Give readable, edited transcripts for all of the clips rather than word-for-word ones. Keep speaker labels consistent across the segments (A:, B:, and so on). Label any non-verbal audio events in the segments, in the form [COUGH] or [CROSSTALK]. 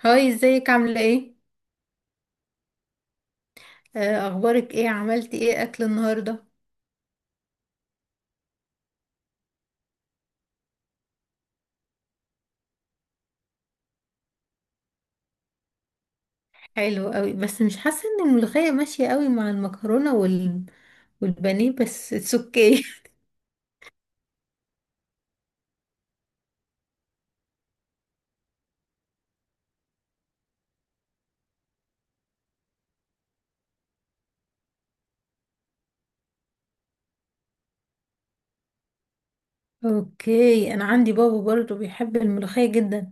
A: هاي، ازيك؟ عاملة ايه؟ اخبارك ايه؟ عملتي ايه اكل النهاردة؟ حلو قوي، بس مش حاسة ان الملوخية ماشية قوي مع المكرونة والبانيه، بس اتس اوكي. [LAUGHS] اوكي، انا عندي بابا برضه بيحب الملوخية جدا.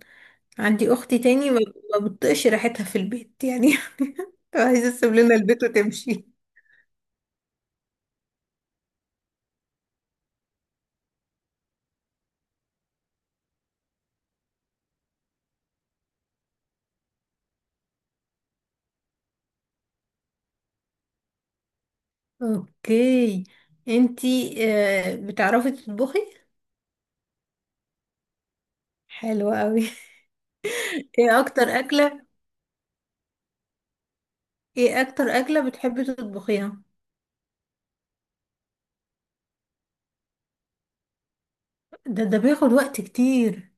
A: عندي اختي تاني ما بتطقش ريحتها في البيت يعني. [LAUGHS] عايزة تسيب لنا البيت وتمشي. اوكي، انتي بتعرفي تطبخي؟ حلو قوي. [LAUGHS] ايه اكتر اكلة ايه اكتر اكلة بتحبي تطبخيها؟ ده بياخد وقت كتير.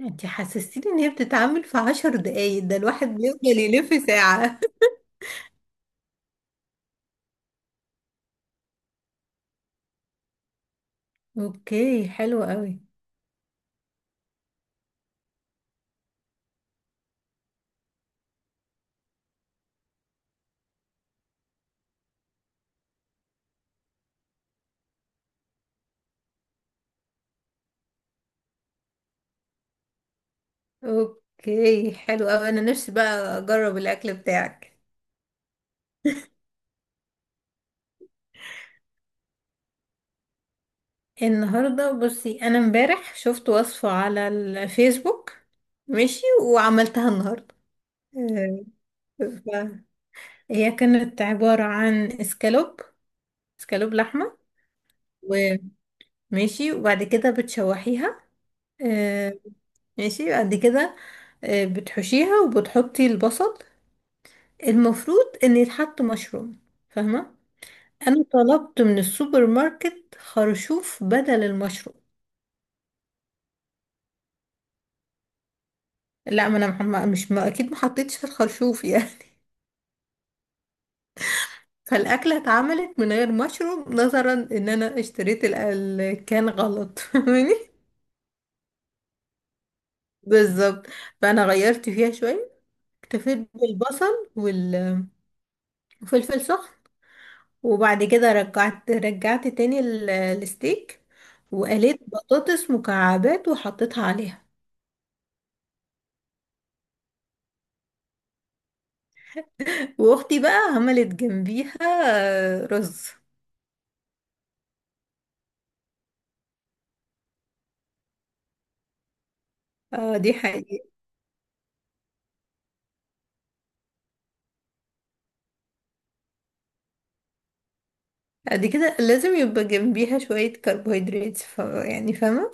A: انت حسستيني ان هي بتتعمل في 10 دقايق، ده الواحد بيفضل يلف ساعة. [LAUGHS] اوكي، حلو قوي. اوكي حلو قوي، انا نفسي بقى اجرب الاكل بتاعك. النهارده بصي، انا امبارح شفت وصفة على الفيسبوك، ماشي، وعملتها النهارده. [LAUGHS] آه، ف- هي كانت عبارة عن اسكالوب. اسكالوب لحمة، وماشي. وبعد كده بتشوحيها. آه، ماشي، بعد كده بتحشيها وبتحطي البصل. المفروض ان يتحط مشروم، فاهمة؟ انا طلبت من السوبر ماركت خرشوف بدل المشروم. لا، ما انا مش، ما اكيد ما حطيتش الخرشوف يعني. [LAUGHS] فالاكله اتعملت من غير مشروم، نظرا ان انا اشتريت كان غلط. [LAUGHS] فاهماني؟ بالظبط. فانا غيرت فيها شويه. اكتفيت بالبصل وفلفل سخن. وبعد كده رجعت تاني الستيك. وقليت بطاطس مكعبات وحطيتها عليها. واختي بقى عملت جنبيها رز. اه دي حقيقة. دي كده لازم يبقى جنبيها شوية كربوهيدرات، يعني فاهمة؟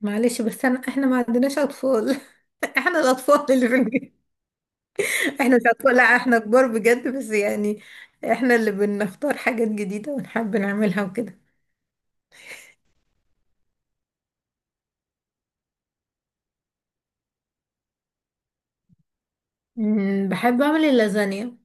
A: معلش، بس احنا ما عندناش أطفال. [LAUGHS] احنا الأطفال اللي في البيت. احنا مش أطفال، لا احنا كبار بجد، بس يعني احنا اللي بنختار حاجات جديدة ونحب نعملها وكده. بحب أعمل اللازانيا.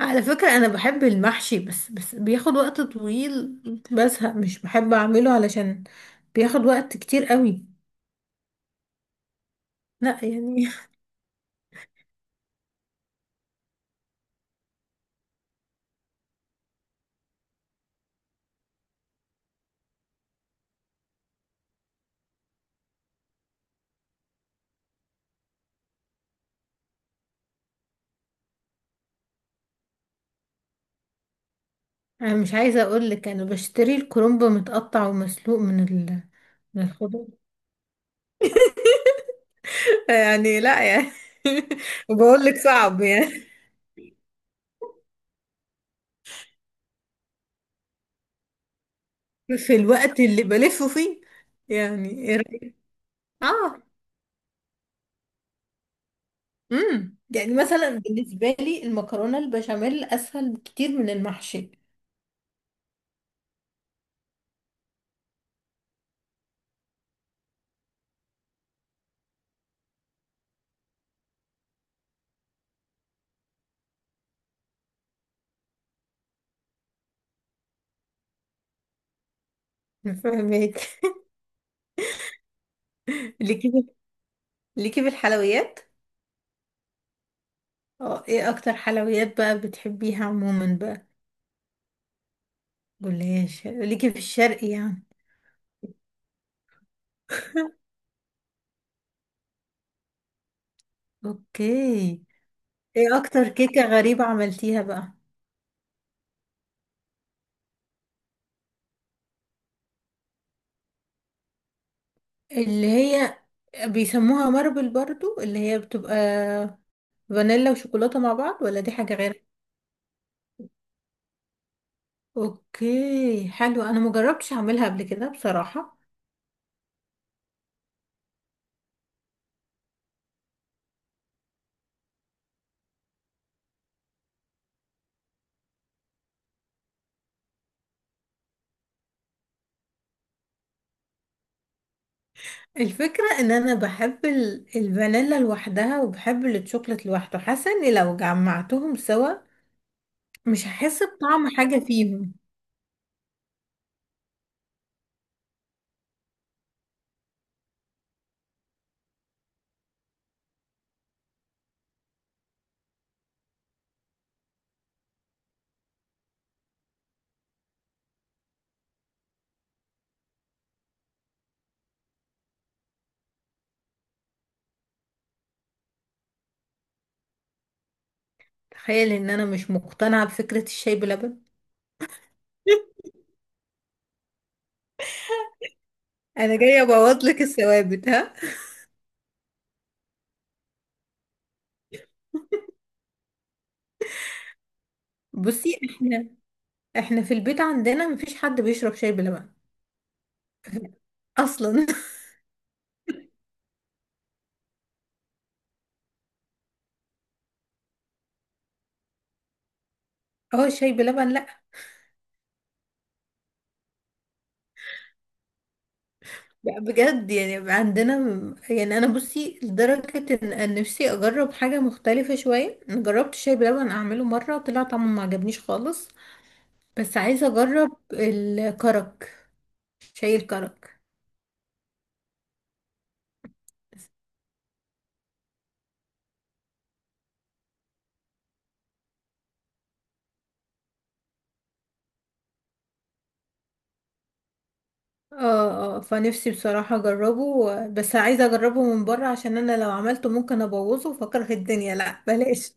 A: على فكرة، أنا بحب المحشي، بس بياخد وقت طويل. بزهق مش بحب أعمله، علشان بياخد وقت كتير قوي. لا يعني. [LAUGHS] أنا مش عايزة أقولك، أنا بشتري الكرنب متقطع ومسلوق من الخضار. [LAUGHS] يعني لا يعني. [LAUGHS] بقولك صعب يعني، في الوقت اللي بلفه فيه. يعني إيه رأيك؟ اه. يعني مثلا بالنسبة لي المكرونة البشاميل أسهل بكتير من المحشي. فاهمك. [LAUGHS] لكن ليكي في الحلويات. اه، ايه اكتر حلويات بقى بتحبيها عموما بقى؟ جلاش ليكي في الشرق يعني. اوكي. ايه اكتر كيكة غريبة عملتيها بقى؟ اللي هي بيسموها ماربل برضو، اللي هي بتبقى فانيلا وشوكولاتة مع بعض، ولا دي حاجة غير؟ اوكي حلو، انا مجربتش اعملها قبل كده بصراحة. الفكرة ان انا بحب الفانيلا لوحدها، وبحب الشوكولاتة لوحده، حاسة اني لو جمعتهم سوا مش هحس بطعم حاجة فيهم. تخيل ان انا مش مقتنعة بفكرة الشاي بلبن. انا جاية ابوظ لك الثوابت، ها. بصي، احنا في البيت عندنا مفيش حد بيشرب شاي بلبن اصلا. [LAUGHS] هو الشاي بلبن، لا. لا بجد، يعني عندنا. يعني انا بصي لدرجة ان نفسي اجرب حاجة مختلفة شوية. أنا جربت الشاي بلبن اعمله مرة، طلع طعمه ما عجبنيش خالص. بس عايزة اجرب الكرك. شاي الكرك. اه، اه، فنفسي بصراحة اجربه، بس عايزة اجربه من بره، عشان انا لو عملته ممكن ابوظه فاكره الدنيا، لا بلاش.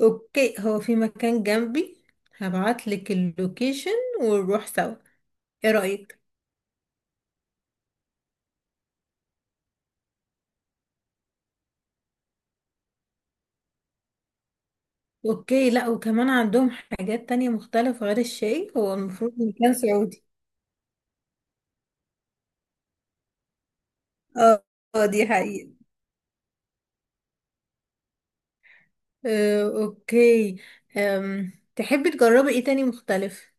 A: اوكي، هو في مكان جنبي، هبعتلك اللوكيشن ونروح سوا. ايه رأيك؟ اوكي، لا وكمان عندهم حاجات تانية مختلفة غير الشاي، هو المفروض مكان سعودي. اه، اه دي حقيقة. آه، اوكي. تحبي تجربي ايه تاني مختلف؟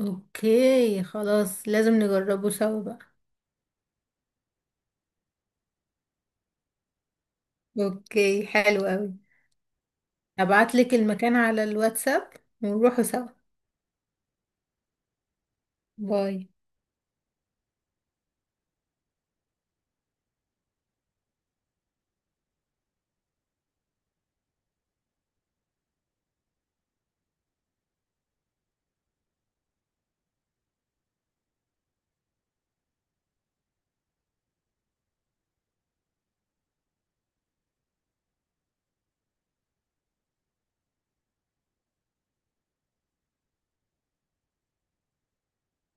A: اوكي خلاص، لازم نجربه سوا بقى. اوكي حلو قوي. هبعتلك المكان على الواتساب ونروحوا سوا. باي.